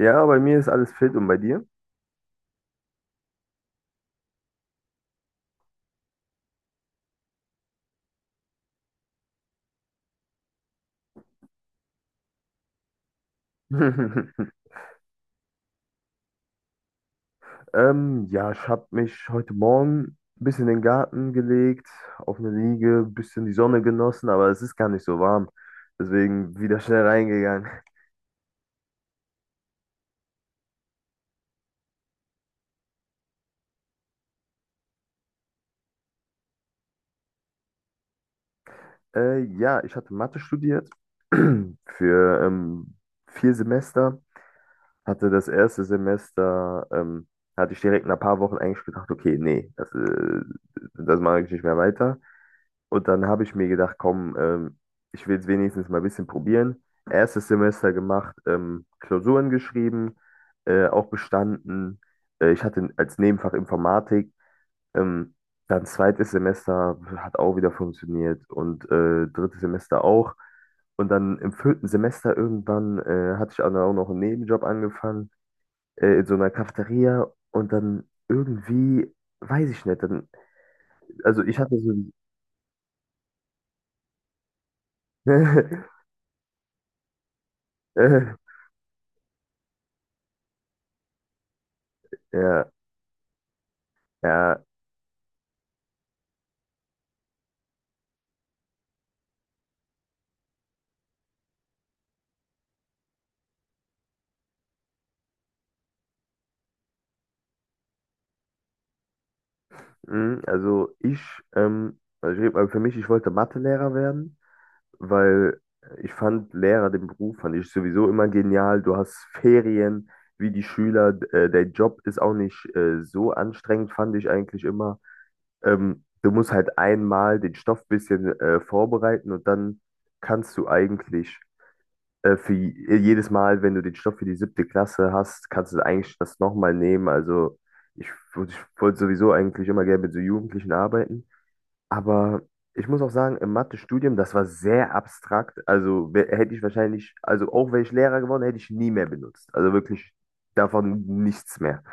Ja, bei mir ist alles fit und bei dir? Ja, ich habe mich heute Morgen ein bisschen in den Garten gelegt, auf eine Liege, ein bisschen die Sonne genossen, aber es ist gar nicht so warm. Deswegen wieder schnell reingegangen. Ja, ich hatte Mathe studiert für 4 Semester. Hatte das erste Semester, hatte ich direkt nach ein paar Wochen eigentlich gedacht, okay, nee, das mache ich nicht mehr weiter. Und dann habe ich mir gedacht, komm, ich will es wenigstens mal ein bisschen probieren. Erstes Semester gemacht, Klausuren geschrieben, auch bestanden. Ich hatte als Nebenfach Informatik. Ähm, Dann zweites Semester hat auch wieder funktioniert, und drittes Semester auch. Und dann im vierten Semester irgendwann hatte ich auch noch einen Nebenjob angefangen, in so einer Cafeteria. Und dann irgendwie, weiß ich nicht, dann, also ich hatte so, ein- äh, ja, ja. Mm, also ich, ähm, also ich rede mal für mich, ich wollte Mathelehrer werden, weil ich fand Lehrer, den Beruf fand ich sowieso immer genial. Du hast Ferien, wie die Schüler, der Job ist auch nicht so anstrengend, fand ich eigentlich immer. Du musst halt einmal den Stoff ein bisschen vorbereiten, und dann kannst du eigentlich. Für jedes Mal, wenn du den Stoff für die siebte Klasse hast, kannst du eigentlich das nochmal nehmen. Also ich, ich wollte sowieso eigentlich immer gerne mit so Jugendlichen arbeiten. Aber ich muss auch sagen, im Mathe-Studium, das war sehr abstrakt. Also hätte ich wahrscheinlich, also auch wäre ich Lehrer geworden, hätte ich nie mehr benutzt. Also wirklich davon nichts mehr.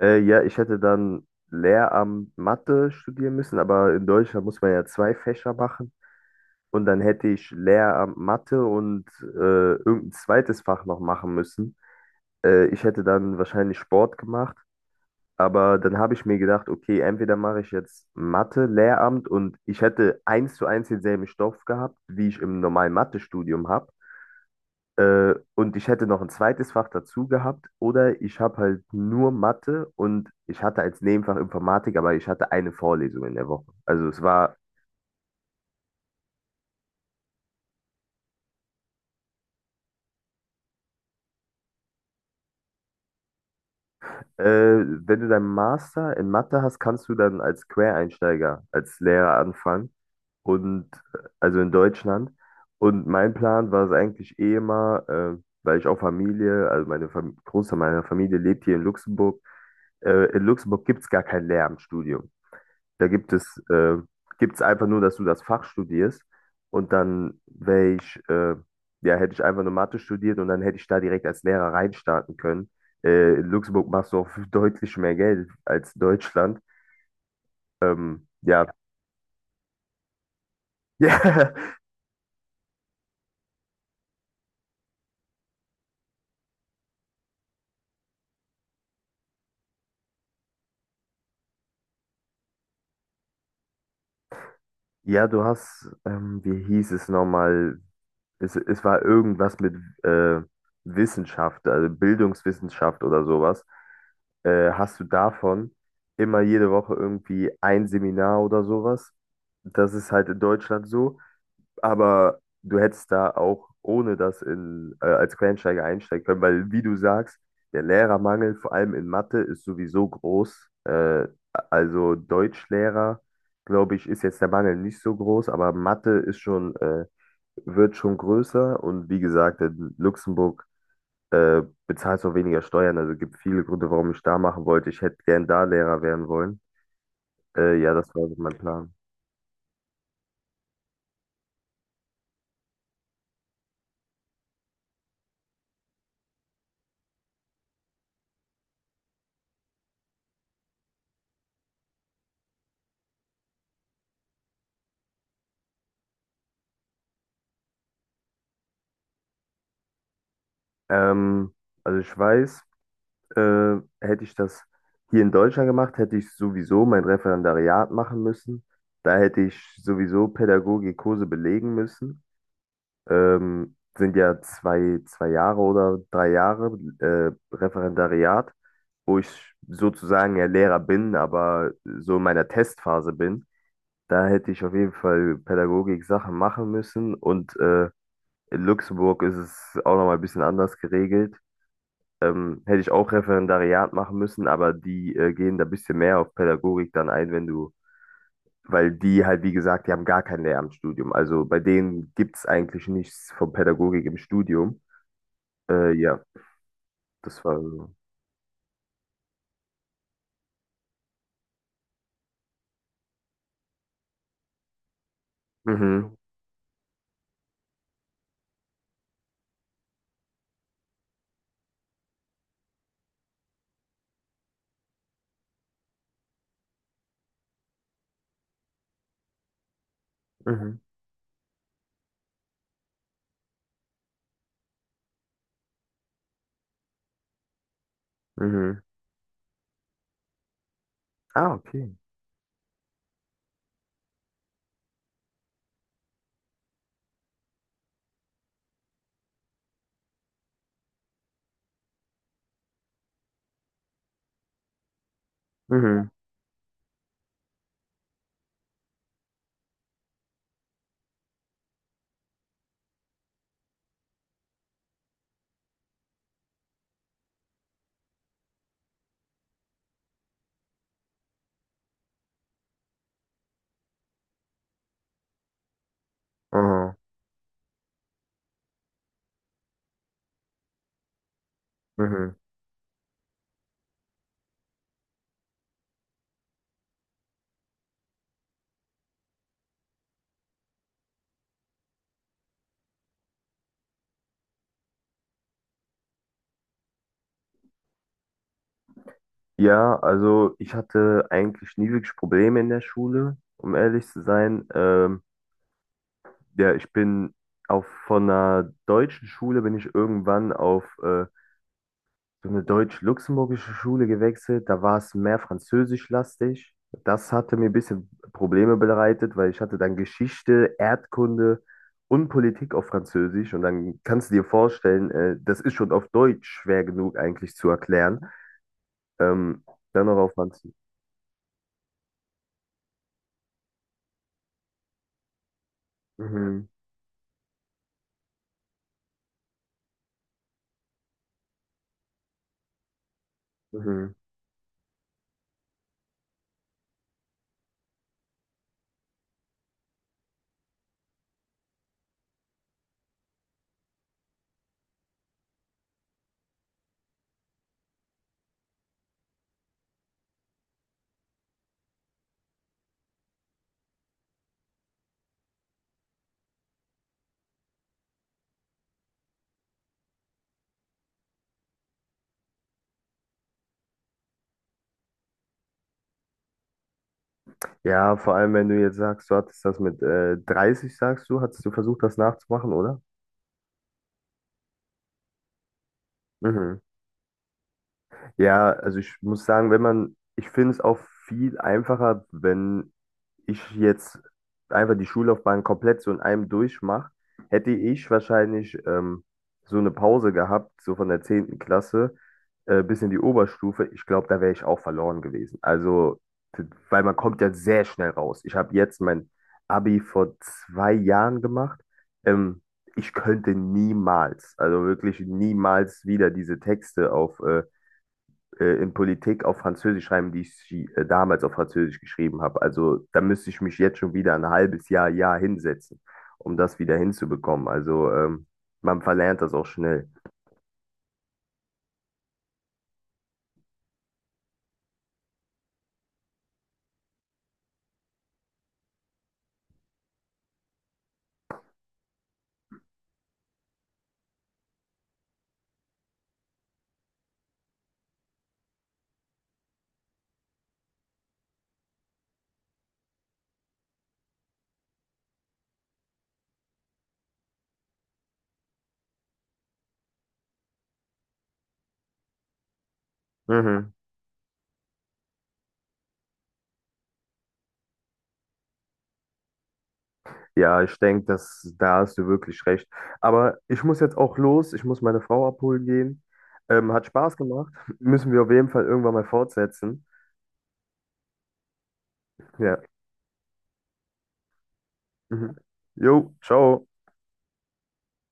Ja, ich hätte dann Lehramt Mathe studieren müssen, aber in Deutschland muss man ja zwei Fächer machen. Und dann hätte ich Lehramt Mathe und irgendein zweites Fach noch machen müssen. Ich hätte dann wahrscheinlich Sport gemacht. Aber dann habe ich mir gedacht, okay, entweder mache ich jetzt Mathe, Lehramt, und ich hätte eins zu eins denselben Stoff gehabt, wie ich im normalen Mathestudium habe. Und ich hätte noch ein zweites Fach dazu gehabt. Oder ich habe halt nur Mathe, und ich hatte als Nebenfach Informatik, aber ich hatte eine Vorlesung in der Woche. Also es war. Wenn du deinen Master in Mathe hast, kannst du dann als Quereinsteiger, als Lehrer anfangen. Und also in Deutschland. Und mein Plan war es eigentlich eh immer, weil ich auch Familie, also meine Fam Großteil meiner Familie lebt hier in Luxemburg. In Luxemburg gibt es gar kein Lehramtsstudium. Da gibt's einfach nur, dass du das Fach studierst, und dann wäre ich, ja, hätte ich einfach nur Mathe studiert, und dann hätte ich da direkt als Lehrer reinstarten können. In Luxemburg machst du auch deutlich mehr Geld als Deutschland. Ja. Ja, ja, du hast, wie hieß es nochmal? Es war irgendwas mit äh, Wissenschaft, also Bildungswissenschaft oder sowas. Hast du davon immer jede Woche irgendwie ein Seminar oder sowas. Das ist halt in Deutschland so, aber du hättest da auch ohne das in, als Quereinsteiger einsteigen können, weil, wie du sagst, der Lehrermangel, vor allem in Mathe, ist sowieso groß. Also Deutschlehrer, glaube ich, ist jetzt der Mangel nicht so groß, aber Mathe ist schon, wird schon größer, und, wie gesagt, in Luxemburg äh, bezahlst auch weniger Steuern. Also gibt viele Gründe, warum ich da machen wollte. Ich hätte gern da Lehrer werden wollen. Ja, das war so mein Plan. Ähm, also ich weiß, hätte ich das hier in Deutschland gemacht, hätte ich sowieso mein Referendariat machen müssen. Da hätte ich sowieso Pädagogikkurse belegen müssen. Sind ja zwei Jahre oder 3 Jahre Referendariat, wo ich sozusagen ja Lehrer bin, aber so in meiner Testphase bin. Da hätte ich auf jeden Fall Pädagogik-Sachen machen müssen. Und in Luxemburg ist es auch nochmal ein bisschen anders geregelt. Hätte ich auch Referendariat machen müssen, aber die gehen da ein bisschen mehr auf Pädagogik dann ein, wenn du, weil die halt, wie gesagt, die haben gar kein Lehramtsstudium. Also bei denen gibt es eigentlich nichts von Pädagogik im Studium. Ja, das war so. Mhm, mhm, mhm. Ah, okay. Mhm, aha, mhm. Ja, also ich hatte eigentlich nie wirklich Probleme in der Schule, um ehrlich zu sein. Ja, ich bin auf von einer deutschen Schule bin ich irgendwann auf so eine deutsch-luxemburgische Schule gewechselt. Da war es mehr französischlastig. Das hatte mir ein bisschen Probleme bereitet, weil ich hatte dann Geschichte, Erdkunde und Politik auf Französisch. Und dann kannst du dir vorstellen, das ist schon auf Deutsch schwer genug eigentlich zu erklären. Ähm, Dann noch auf Französisch. Mhm. Mhm. Ja, vor allem, wenn du jetzt sagst, du hattest das mit 30, sagst du, hattest du versucht, das nachzumachen, oder? Mhm. Ja, also ich muss sagen, wenn man, ich finde es auch viel einfacher, wenn ich jetzt einfach die Schullaufbahn komplett so in einem durchmache, hätte ich wahrscheinlich so eine Pause gehabt, so von der 10. Klasse bis in die Oberstufe. Ich glaube, da wäre ich auch verloren gewesen. Also, t- weil man kommt ja sehr schnell raus. Ich habe jetzt mein Abi vor 2 Jahren gemacht. Ähm, Ich könnte niemals, also wirklich niemals wieder diese Texte auf in Politik auf Französisch schreiben, die ich sie, damals auf Französisch geschrieben habe. Also da müsste ich mich jetzt schon wieder ein halbes Jahr, Jahr hinsetzen, um das wieder hinzubekommen. Also man verlernt das auch schnell. Mhm. Ja, ich denke, dass da hast du wirklich recht. Aber ich muss jetzt auch los. Ich muss meine Frau abholen gehen. Hat Spaß gemacht. Müssen wir auf jeden Fall irgendwann mal fortsetzen. Ja. Mhm. Jo, ciao.